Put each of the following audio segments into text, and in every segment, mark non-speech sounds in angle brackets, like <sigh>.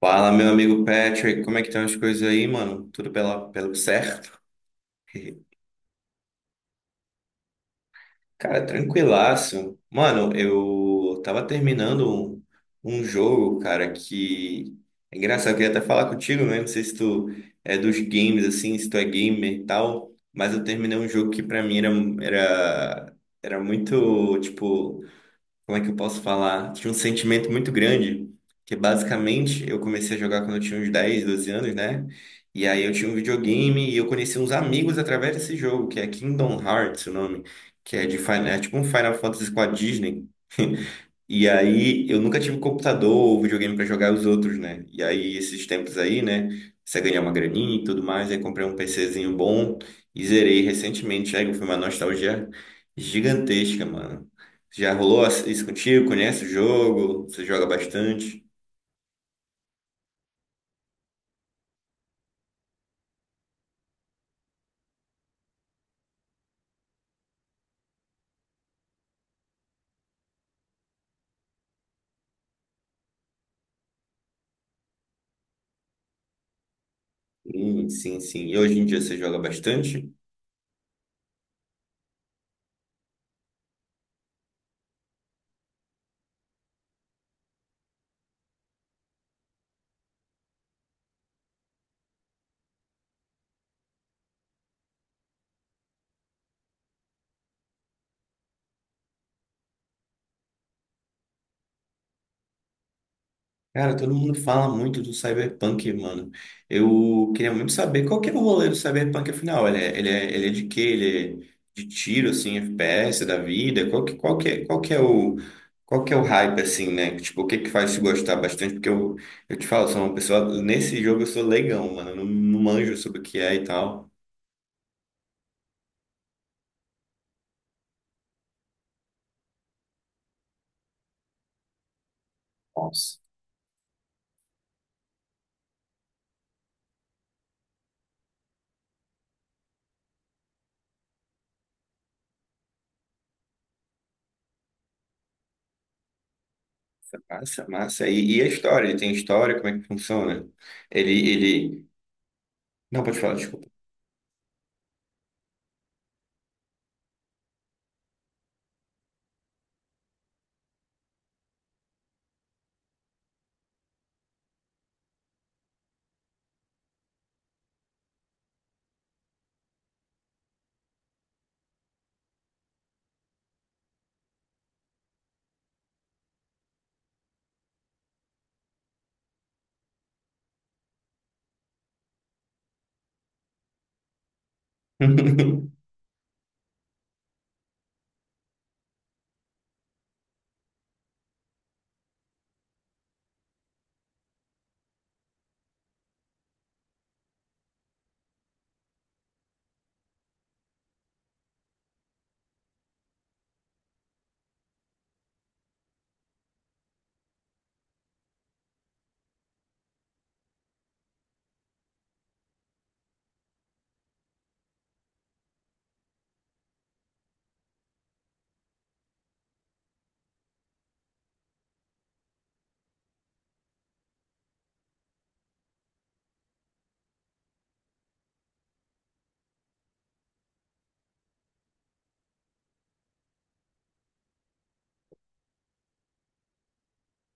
Fala, meu amigo Patrick, como é que estão as coisas aí, mano? Tudo pelo certo? <laughs> Cara, tranquilaço. Mano, eu tava terminando um jogo, cara, que... É engraçado, eu queria até falar contigo, né? Não sei se tu é dos games, assim, se tu é gamer e tal, mas eu terminei um jogo que pra mim era, era muito, tipo... Como é que eu posso falar? Tinha um sentimento muito grande, que basicamente eu comecei a jogar quando eu tinha uns 10 12 anos, né? E aí eu tinha um videogame e eu conheci uns amigos através desse jogo, que é Kingdom Hearts, o nome, que é de Final, é tipo um Final Fantasy com a Disney. <laughs> E aí, eu nunca tive computador ou videogame para jogar os outros, né? E aí, esses tempos aí, né? Você ganhar uma graninha e tudo mais, aí comprei um PCzinho bom e zerei recentemente. Aí foi uma nostalgia gigantesca, mano. Já rolou isso contigo? Conhece o jogo? Você joga bastante? Sim, sim, sim. E hoje em dia você joga bastante? Cara, todo mundo fala muito do Cyberpunk, mano. Eu queria muito saber qual que é o rolê do Cyberpunk, afinal. Ele é de quê? Ele é de tiro, assim, FPS da vida? Qual que é o, qual que é o hype, assim, né? Tipo, o que que faz te gostar bastante? Porque eu te falo, sou uma pessoa... Nesse jogo eu sou leigão, mano. Eu não, não manjo sobre o que é e tal. Nossa. Massa, é massa. E a história? Ele tem história? Como é que funciona? Ele, ele... Não, pode falar, desculpa. <laughs>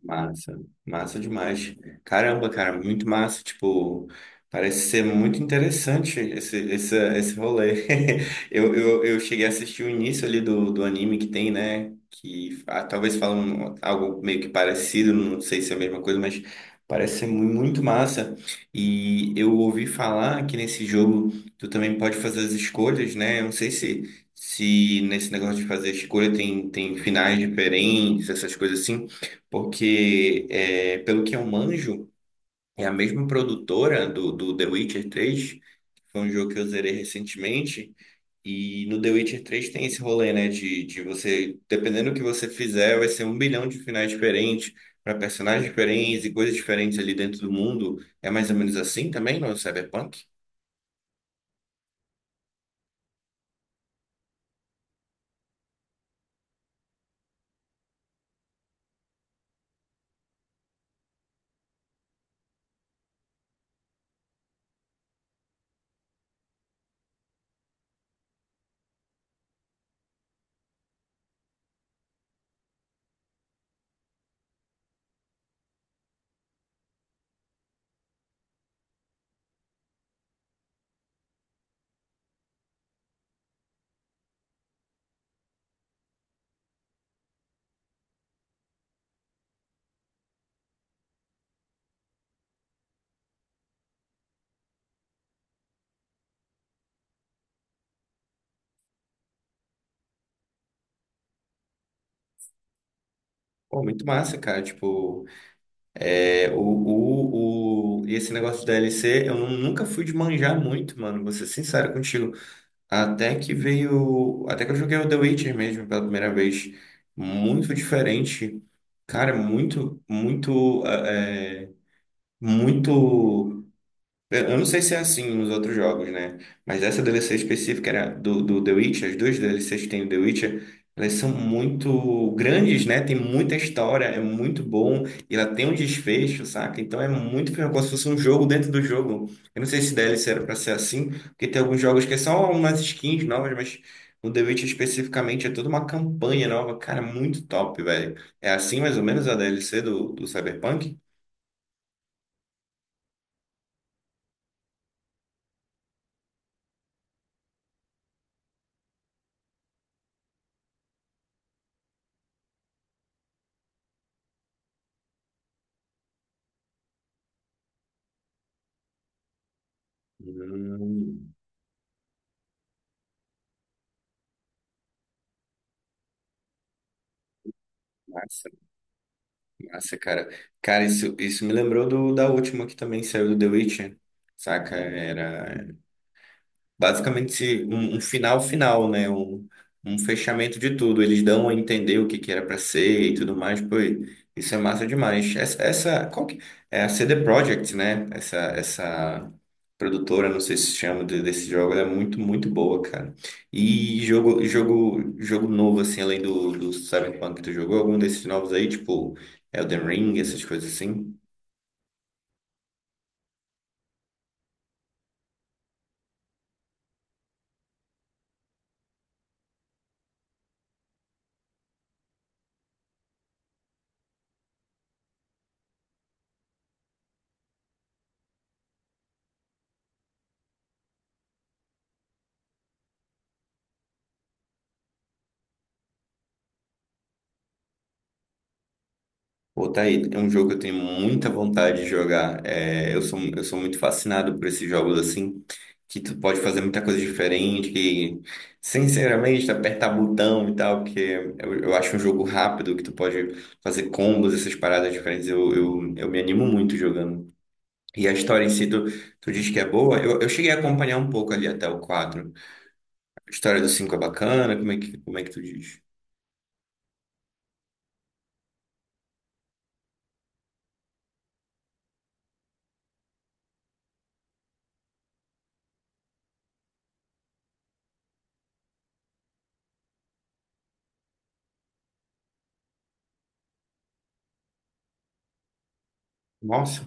Massa, massa demais. Caramba, cara, muito massa. Tipo, parece ser muito interessante esse rolê. <laughs> Eu cheguei a assistir o início ali do anime que tem, né? Que talvez falam algo meio que parecido, não sei se é a mesma coisa, mas parece ser muito massa. E eu ouvi falar que nesse jogo tu também pode fazer as escolhas, né? Eu não sei se nesse negócio de fazer escolha tem finais diferentes, essas coisas assim. Porque, pelo que eu manjo, é a mesma produtora do The Witcher 3 que foi um jogo que eu zerei recentemente. E no The Witcher 3 tem esse rolê, né? De você, dependendo do que você fizer, vai ser um bilhão de finais diferentes, para personagens diferentes e coisas diferentes ali dentro do mundo. É mais ou menos assim também no Cyberpunk? Pô, muito massa, cara. Tipo, e esse negócio do DLC, eu nunca fui de manjar muito, mano. Vou ser sincero contigo. Até que veio. Até que eu joguei o The Witcher mesmo pela primeira vez. Muito diferente. Cara, é muito, muito, muito. Eu não sei se é assim nos outros jogos, né? Mas essa DLC específica era do The Witcher, as duas DLCs que tem do The Witcher, elas são muito grandes, né? Tem muita história, é muito bom, e ela tem um desfecho, saca? Então é muito como se fosse um jogo dentro do jogo. Eu não sei se DLC era pra ser assim, porque tem alguns jogos que é só umas skins novas, mas no The Witcher especificamente é toda uma campanha nova. Cara, muito top, velho. É assim mais ou menos a DLC do Cyberpunk? Hum, massa. Nossa, cara. Cara, isso me lembrou do, da última que também saiu do The Witcher, saca? Era basicamente um final final, né? Um fechamento de tudo. Eles dão a entender o que que era para ser e tudo mais. Pô, isso é massa demais. Essa é a CD Projekt, né? Essa produtora, não sei se chama desse jogo, ela é muito, muito boa, cara. E jogo novo, assim, além do Cyberpunk que tu jogou, algum desses novos aí, tipo Elden Ring, essas coisas assim. Pô, tá aí. É um jogo que eu tenho muita vontade de jogar. É, eu sou muito fascinado por esses jogos assim, que tu pode fazer muita coisa diferente, que, sinceramente, apertar botão e tal, porque eu acho um jogo rápido, que tu pode fazer combos, essas paradas diferentes. Eu me animo muito jogando. E a história em si, tu diz que é boa. Eu cheguei a acompanhar um pouco ali até o 4. A história do 5 é bacana, como é que tu diz? Nossa,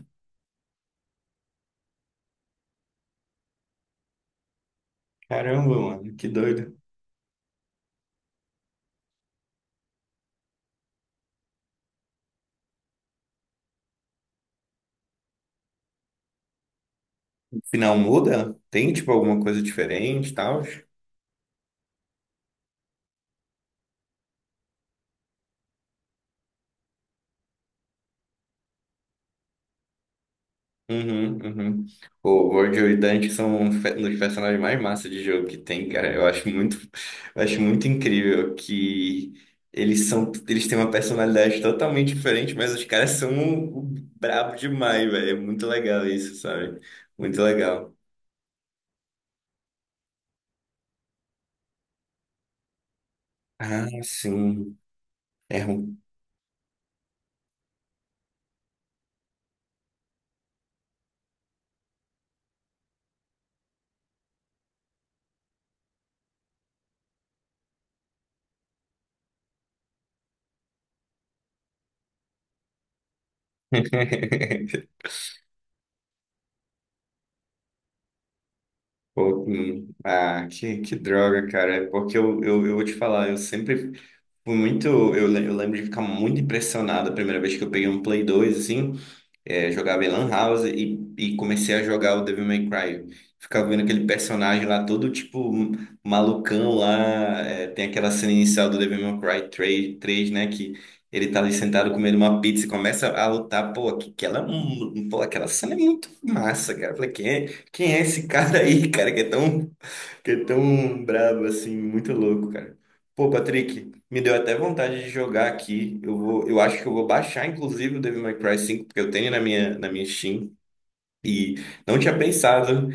caramba, mano, que doido. Final muda? Tem, tipo, alguma coisa diferente e tal? Uhum, uhum. O World e o Dante são um dos personagens mais massa de jogo que tem, cara. Eu acho muito incrível que eles têm uma personalidade totalmente diferente, mas os caras são um brabo demais, velho. É muito legal isso, sabe? Muito legal. Ah, sim. É ruim. <laughs> Pô. Ah, que droga, cara. É porque eu vou te falar, eu sempre fui muito, eu lembro de ficar muito impressionado a primeira vez que eu peguei um Play 2 assim, jogava em Lan House e comecei a jogar o Devil May Cry. Ficava vendo aquele personagem lá todo, tipo, malucão lá, tem aquela cena inicial do Devil May Cry três né, que ele tá ali sentado comendo uma pizza e começa a lutar, pô, que ela, é um- pô, aquela cena é muito massa, cara. Eu falei, quem é esse cara aí, cara, que é tão Fiquei tão bravo assim, muito louco, cara. Pô, Patrick, me deu até vontade de jogar aqui. Eu acho que eu vou baixar, inclusive, o Devil May Cry 5, porque eu tenho na minha Steam. E não tinha pensado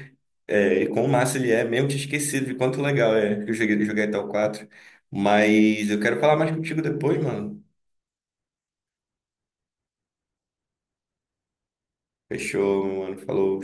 quão massa ele é, mesmo tinha esquecido de quanto legal é que eu joguei até o 4. Mas eu quero falar mais contigo depois, mano. Fechou, meu mano. Falou.